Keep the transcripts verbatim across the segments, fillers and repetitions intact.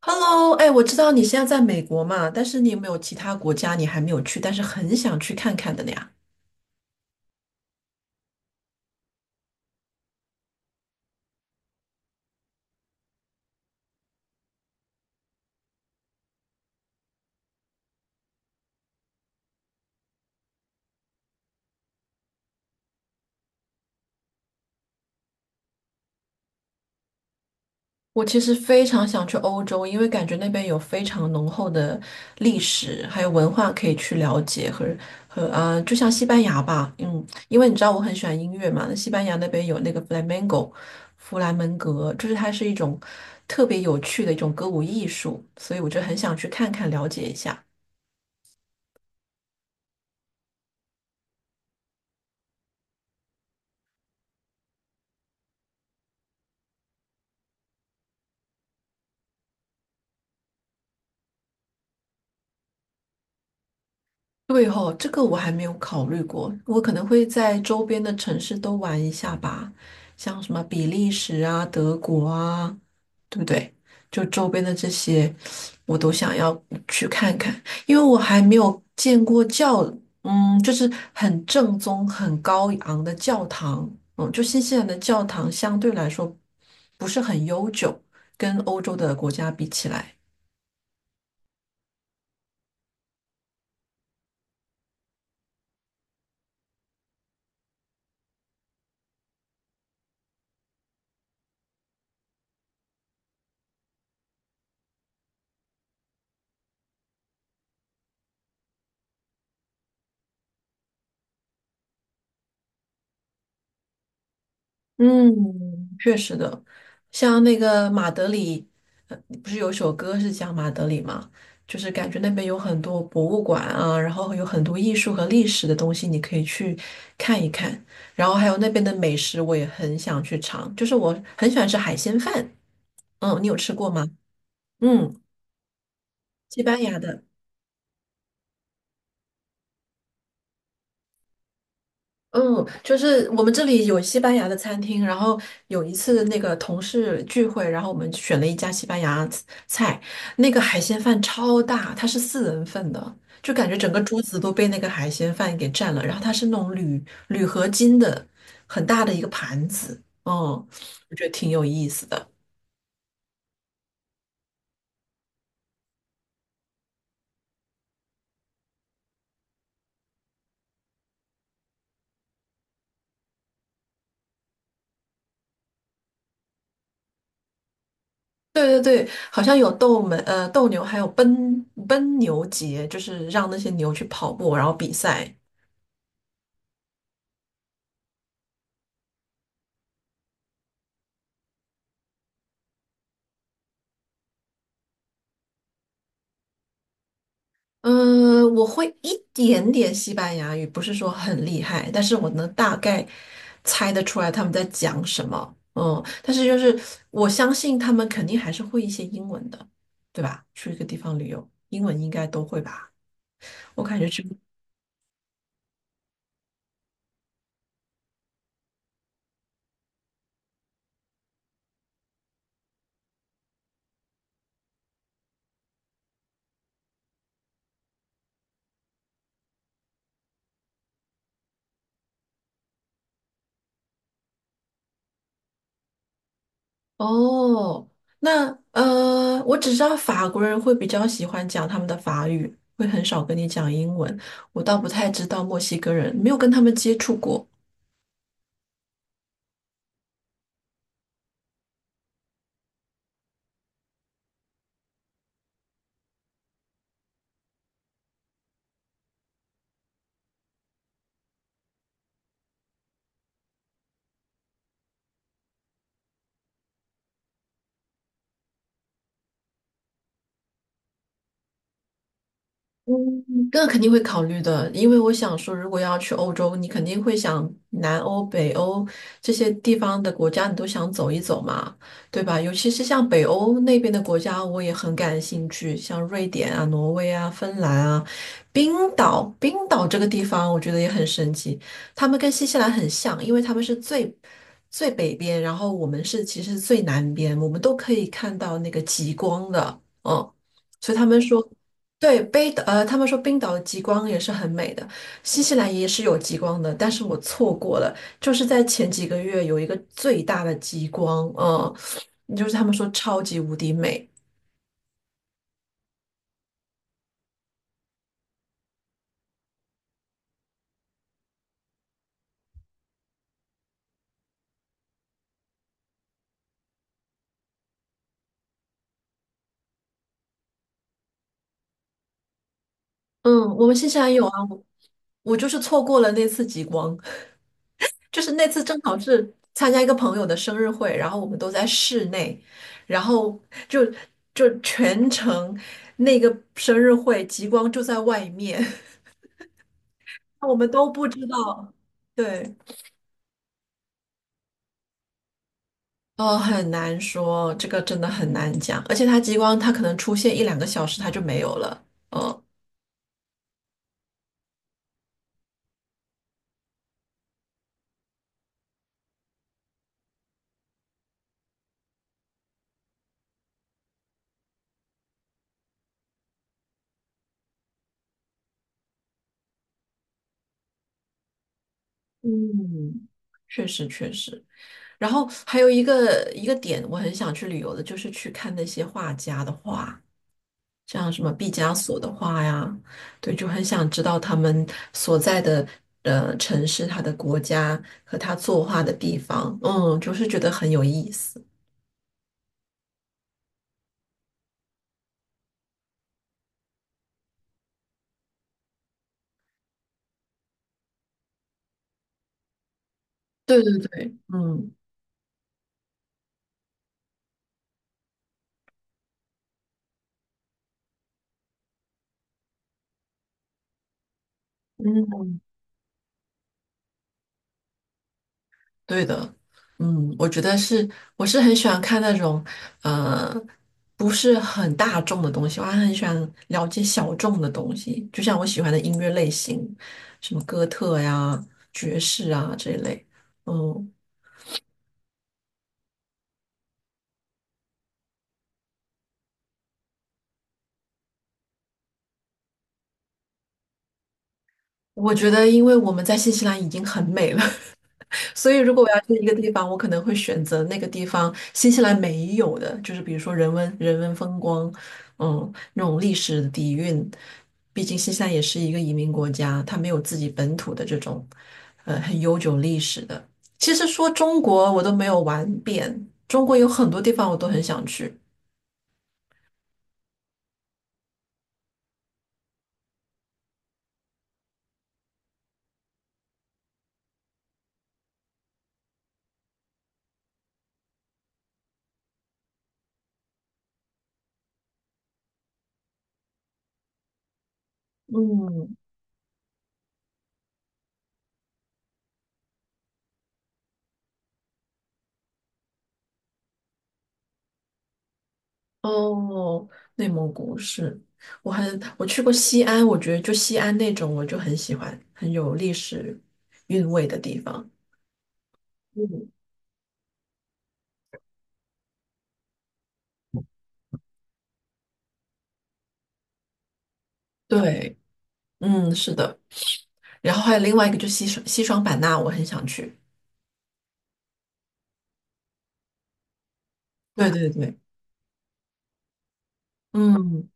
Hello，哎，我知道你现在在美国嘛，但是你有没有其他国家你还没有去，但是很想去看看的呀？我其实非常想去欧洲，因为感觉那边有非常浓厚的历史，还有文化可以去了解和和啊、呃就像西班牙吧，嗯，因为你知道我很喜欢音乐嘛，那西班牙那边有那个 flamenco，弗兰门格，就是它是一种特别有趣的一种歌舞艺术，所以我就很想去看看了解一下。对哦，这个我还没有考虑过，我可能会在周边的城市都玩一下吧，像什么比利时啊、德国啊，对不对？就周边的这些，我都想要去看看，因为我还没有见过教，嗯，就是很正宗、很高昂的教堂。嗯，就新西兰的教堂相对来说不是很悠久，跟欧洲的国家比起来。嗯，确实的，像那个马德里，呃，不是有一首歌是讲马德里吗？就是感觉那边有很多博物馆啊，然后有很多艺术和历史的东西，你可以去看一看。然后还有那边的美食，我也很想去尝，就是我很喜欢吃海鲜饭。嗯，你有吃过吗？嗯，西班牙的。嗯，就是我们这里有西班牙的餐厅，然后有一次那个同事聚会，然后我们选了一家西班牙菜，那个海鲜饭超大，它是四人份的，就感觉整个桌子都被那个海鲜饭给占了。然后它是那种铝铝合金的很大的一个盘子，嗯，我觉得挺有意思的。对对对，好像有斗门呃斗牛，还有奔奔牛节，就是让那些牛去跑步，然后比赛。嗯，我会一点点西班牙语，不是说很厉害，但是我能大概猜得出来他们在讲什么。嗯，但是就是我相信他们肯定还是会一些英文的，对吧？去一个地方旅游，英文应该都会吧？我感觉这个。哦，那呃，我只知道法国人会比较喜欢讲他们的法语，会很少跟你讲英文。我倒不太知道墨西哥人，没有跟他们接触过。嗯，这个肯定会考虑的，因为我想说，如果要去欧洲，你肯定会想南欧、北欧这些地方的国家，你都想走一走嘛，对吧？尤其是像北欧那边的国家，我也很感兴趣，像瑞典啊、挪威啊、芬兰啊、冰岛。冰岛这个地方，我觉得也很神奇，他们跟新西兰很像，因为他们是最最北边，然后我们是其实是最南边，我们都可以看到那个极光的。嗯。所以他们说，对，北岛，呃，他们说冰岛的极光也是很美的，新西兰也是有极光的，但是我错过了，就是在前几个月有一个最大的极光，嗯，就是他们说超级无敌美。嗯，我们新西兰有啊，我我就是错过了那次极光，就是那次正好是参加一个朋友的生日会，然后我们都在室内，然后就就全程那个生日会极光就在外面，我们都不知道，对。哦，很难说，这个真的很难讲，而且它激光它可能出现一两个小时它就没有了。嗯，嗯，确实确实，然后还有一个一个点，我很想去旅游的，就是去看那些画家的画，像什么毕加索的画呀，对，就很想知道他们所在的呃城市、他的国家和他作画的地方，嗯，就是觉得很有意思。对对对。嗯。对的，嗯，我觉得是，我是很喜欢看那种，呃，不是很大众的东西，我还很喜欢了解小众的东西，就像我喜欢的音乐类型，什么哥特呀、爵士啊这一类。嗯，我觉得因为我们在新西兰已经很美了，所以，如果我要去一个地方，我可能会选择那个地方新西兰没有的，就是比如说人文、人文风光，嗯，那种历史底蕴。毕竟新西兰也是一个移民国家，它没有自己本土的这种，呃，很悠久历史的。其实说中国，我都没有玩遍，中国有很多地方我都很想去。嗯，哦，内蒙古是，我很我去过西安，我觉得就西安那种我就很喜欢，很有历史韵味的地方。嗯，对，嗯，是的。然后还有另外一个就是西双西双版纳，我很想去。对对对。嗯，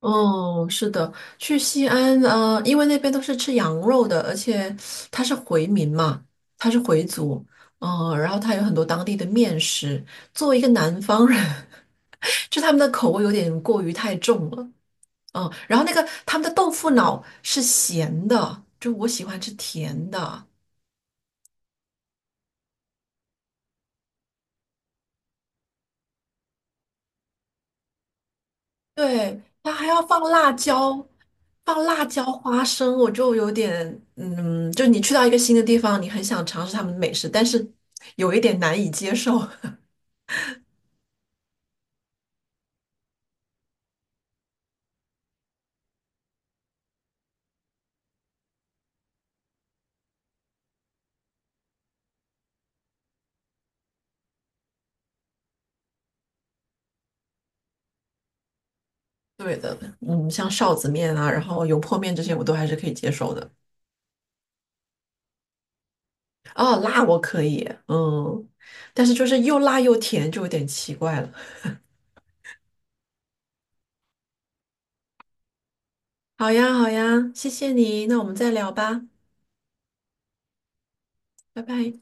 哦，是的，去西安，呃，因为那边都是吃羊肉的，而且他是回民嘛，他是回族，嗯、然后他有很多当地的面食。作为一个南方人，就他们的口味有点过于太重了，嗯、然后那个他们的豆腐脑是咸的，就我喜欢吃甜的，对，它还要放辣椒，放辣椒花生，我就有点，嗯，就你去到一个新的地方，你很想尝试他们的美食，但是有一点难以接受。对的，嗯，像臊子面啊，然后油泼面这些，我都还是可以接受的。哦，辣我可以，嗯，但是就是又辣又甜，就有点奇怪了。好呀，好呀，谢谢你，那我们再聊吧，拜拜。